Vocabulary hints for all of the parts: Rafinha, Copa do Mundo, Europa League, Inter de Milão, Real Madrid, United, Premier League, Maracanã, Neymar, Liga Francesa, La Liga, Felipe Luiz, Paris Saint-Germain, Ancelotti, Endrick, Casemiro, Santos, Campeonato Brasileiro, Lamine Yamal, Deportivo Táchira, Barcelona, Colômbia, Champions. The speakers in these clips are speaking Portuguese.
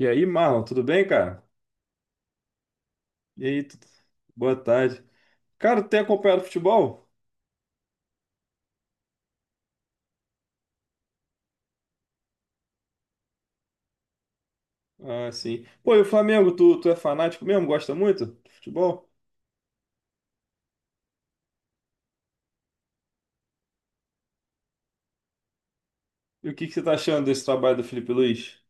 E aí, Marlon, tudo bem, cara? E aí, boa tarde. Cara, tu tem acompanhado futebol? Ah, sim. Pô, e o Flamengo, tu é fanático mesmo? Gosta muito de futebol? E o que que você tá achando desse trabalho do Felipe Luiz?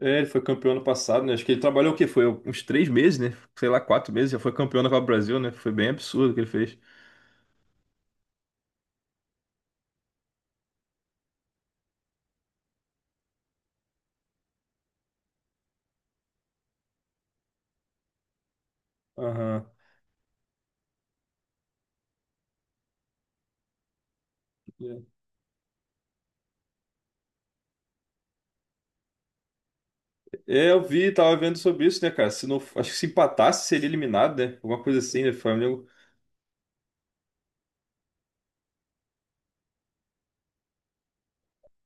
É, ele foi campeão ano passado, né? Acho que ele trabalhou o quê? Foi uns três meses, né? Sei lá, quatro meses, já foi campeão da Copa do Brasil, né? Foi bem absurdo o que ele fez. Aham. É, eu vi, tava vendo sobre isso, né, cara? Se não, acho que se empatasse, seria eliminado, né? Alguma coisa assim, né? Flamengo.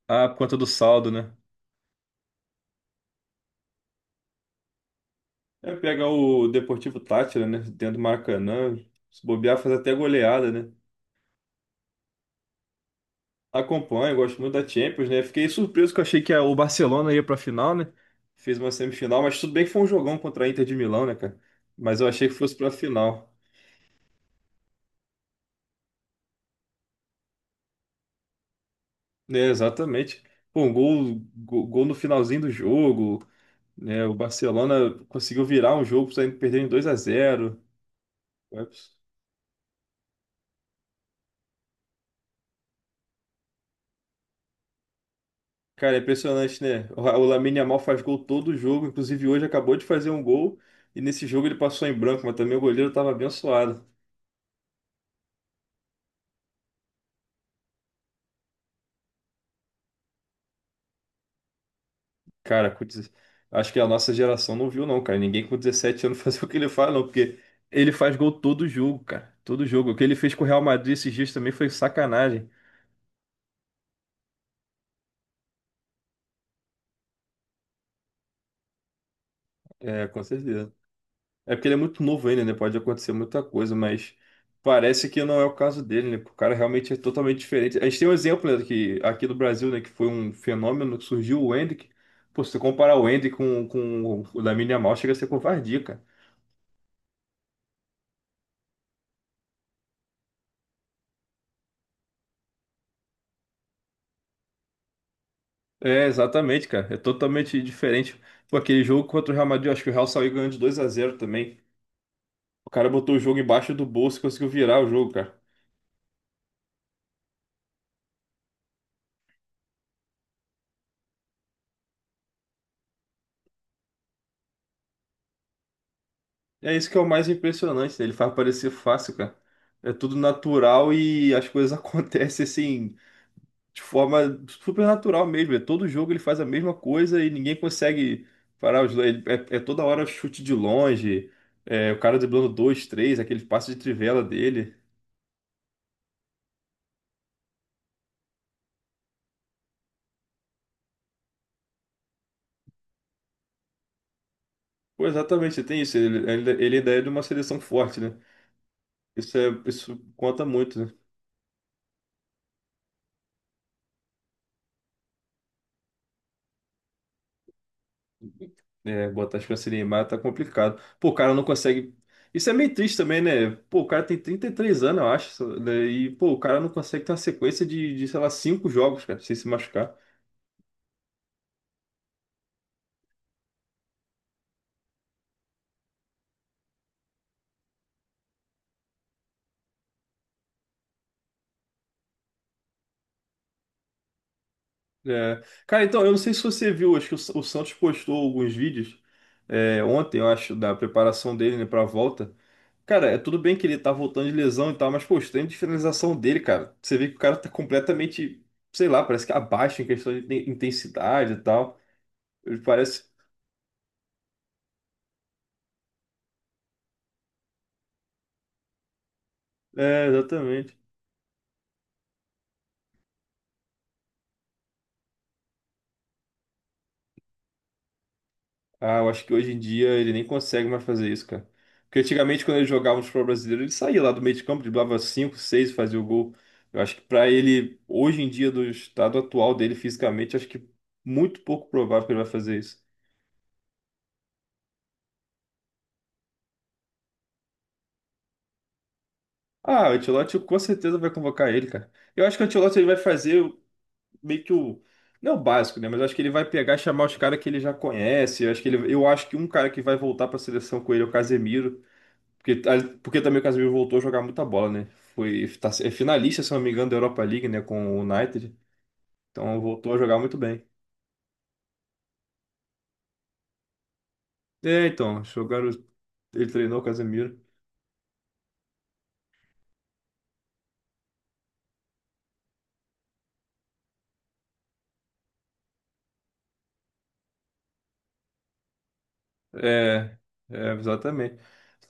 Ah, por conta do saldo, né? É pegar o Deportivo Táchira, né? Dentro do Maracanã. Se bobear, faz até goleada, né? Acompanho, gosto muito da Champions, né? Fiquei surpreso que eu achei que o Barcelona ia pra final, né? Fez uma semifinal, mas tudo bem que foi um jogão contra a Inter de Milão, né, cara? Mas eu achei que fosse pra final. Né, exatamente. Pô, um gol, gol, gol no finalzinho do jogo, né? O Barcelona conseguiu virar um jogo, saindo perdendo 2 a 0. Cara, é impressionante, né? O Lamine Yamal faz gol todo jogo, inclusive hoje acabou de fazer um gol e nesse jogo ele passou em branco, mas também o goleiro tava abençoado. Cara, acho que a nossa geração não viu não, cara. Ninguém com 17 anos faz o que ele faz, não, porque ele faz gol todo jogo, cara. Todo jogo. O que ele fez com o Real Madrid esses dias também foi sacanagem. É, com certeza. É porque ele é muito novo ainda, né? Pode acontecer muita coisa, mas parece que não é o caso dele, né? Porque o cara realmente é totalmente diferente. A gente tem um exemplo, né, que, aqui do Brasil, né? Que foi um fenômeno que surgiu o Endrick. Pô, se você comparar o Endrick com o Lamine Yamal, chega a ser covardia, cara. É, exatamente, cara. É totalmente diferente. Pô, aquele jogo contra o Real Madrid, eu acho que o Real saiu ganhando de 2 a zero também. O cara botou o jogo embaixo do bolso e conseguiu virar o jogo, cara. É isso que é o mais impressionante, né? Ele faz parecer fácil, cara. É tudo natural e as coisas acontecem assim, de forma super natural mesmo. É todo jogo ele faz a mesma coisa e ninguém consegue parar os dois. É, toda hora chute de longe, é, o cara driblando dois, três, aquele passe de trivela dele. Pô, exatamente, tem isso. Ele ainda é de uma seleção forte, né? Isso, é, isso conta muito, né? É, botar as pra se tá complicado. Pô, o cara não consegue. Isso é meio triste também, né? Pô, o cara tem 33 anos, eu acho, né? E, pô, o cara não consegue ter uma sequência de, sei lá, 5 jogos, cara, sem se machucar. É. Cara, então, eu não sei se você viu, acho que o Santos postou alguns vídeos é, ontem, eu acho, da preparação dele, né, pra volta. Cara, é tudo bem que ele tá voltando de lesão e tal, mas, pô, os treinos de finalização dele, cara. Você vê que o cara tá completamente, sei lá, parece que abaixo em questão de intensidade e tal. Ele parece. É, exatamente. Ah, eu acho que hoje em dia ele nem consegue mais fazer isso, cara. Porque antigamente, quando ele jogava no futebol brasileiro, ele saía lá do meio de campo, driblava 5, 6, fazia o gol. Eu acho que pra ele, hoje em dia, do estado atual dele fisicamente, acho que muito pouco provável que ele vai fazer isso. Ah, o Ancelotti com certeza vai convocar ele, cara. Eu acho que o Ancelotti ele vai fazer o- meio que o. Não é o básico, né? Mas eu acho que ele vai pegar e chamar os caras que ele já conhece. Eu acho que um cara que vai voltar pra seleção com ele é o Casemiro. Porque, porque também o Casemiro voltou a jogar muita bola, né? Foi, tá, é finalista, se não me engano, da Europa League, né? Com o United. Então voltou a jogar muito bem. É, então, jogaram. Ele treinou o Casemiro. É, exatamente.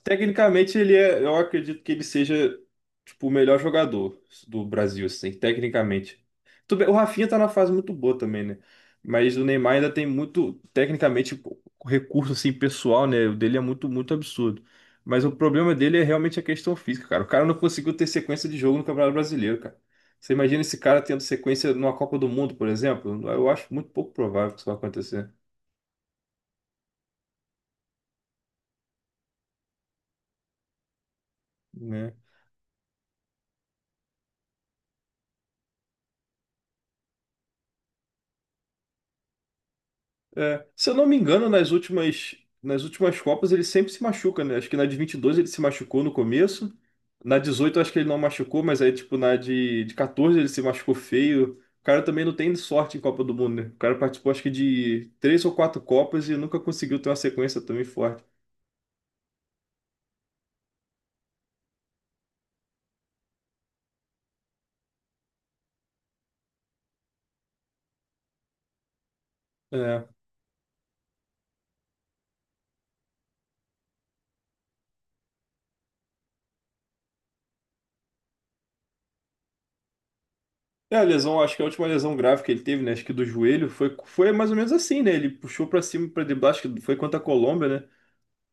Tecnicamente, ele é, eu acredito que ele seja, tipo, o melhor jogador do Brasil, assim, tecnicamente. Tudo bem, o Rafinha tá na fase muito boa também, né? Mas o Neymar ainda tem muito, tecnicamente, recurso, assim, pessoal, né? O dele é muito, muito absurdo. Mas o problema dele é realmente a questão física, cara. O cara não conseguiu ter sequência de jogo no Campeonato Brasileiro, cara. Você imagina esse cara tendo sequência numa Copa do Mundo, por exemplo? Eu acho muito pouco provável que isso vai acontecer, né? É, se eu não me engano, nas últimas Copas ele sempre se machuca, né? Acho que na de 22 ele se machucou no começo. Na 18 acho que ele não machucou, mas aí, tipo, na de, 14 ele se machucou feio. O cara também não tem sorte em Copa do Mundo, né? O cara participou, acho que, de três ou quatro Copas e nunca conseguiu ter uma sequência também forte. É. É, a lesão, acho que a última lesão grave que ele teve, né? Acho que do joelho, foi, mais ou menos assim, né? Ele puxou pra cima, pra driblar, acho que foi contra a Colômbia, né?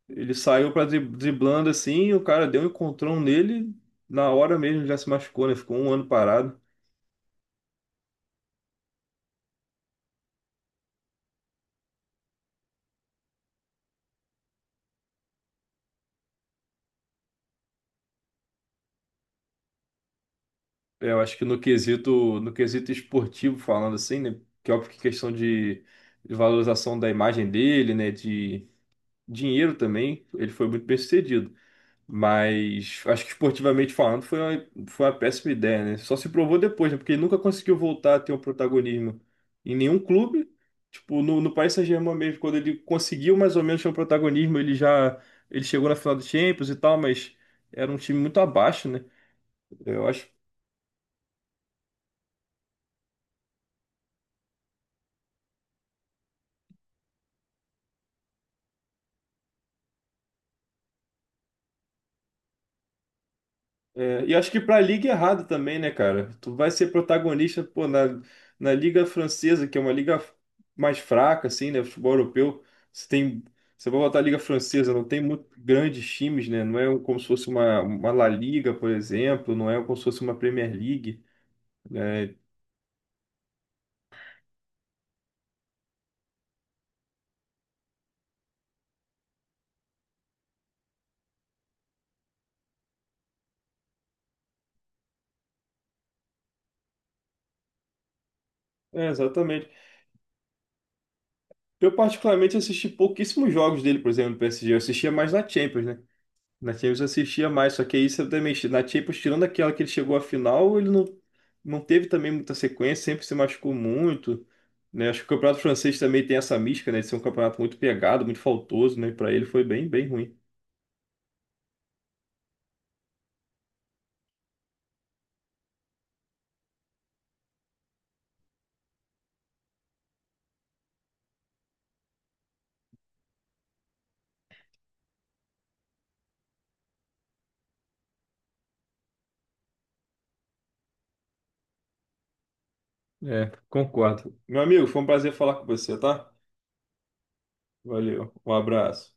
Ele saiu pra driblando assim, o cara deu um encontrão nele, na hora mesmo já se machucou, né? Ficou 1 ano parado. É, eu acho que no quesito esportivo falando assim, né? Que é óbvio que questão de valorização da imagem dele, né? De dinheiro também, ele foi muito bem-sucedido. Mas acho que esportivamente falando foi uma péssima ideia, né? Só se provou depois, né? Porque ele nunca conseguiu voltar a ter um protagonismo em nenhum clube. Tipo, no Paris Saint-Germain mesmo, quando ele conseguiu mais ou menos ter um protagonismo, ele chegou na final do Champions e tal, mas era um time muito abaixo, né? Eu acho É, e acho que pra liga é errado também, né, cara? Tu vai ser protagonista, pô, na Liga Francesa, que é uma liga mais fraca, assim, né? Futebol europeu. Você tem, você vai botar a Liga Francesa, não tem muito grandes times, né? Não é um, como se fosse uma, La Liga, por exemplo, não é como se fosse uma Premier League, né? É, exatamente. Eu, particularmente, assisti pouquíssimos jogos dele, por exemplo, no PSG. Eu assistia mais na Champions, né? Na Champions eu assistia mais, só que aí você também, na Champions, tirando aquela que ele chegou à final, ele não teve também muita sequência, sempre se machucou muito, né? Acho que o campeonato francês também tem essa mística, né, de ser um campeonato muito pegado, muito faltoso, né? Para ele foi bem, bem ruim. É, concordo. Meu amigo, foi um prazer falar com você, tá? Valeu, um abraço.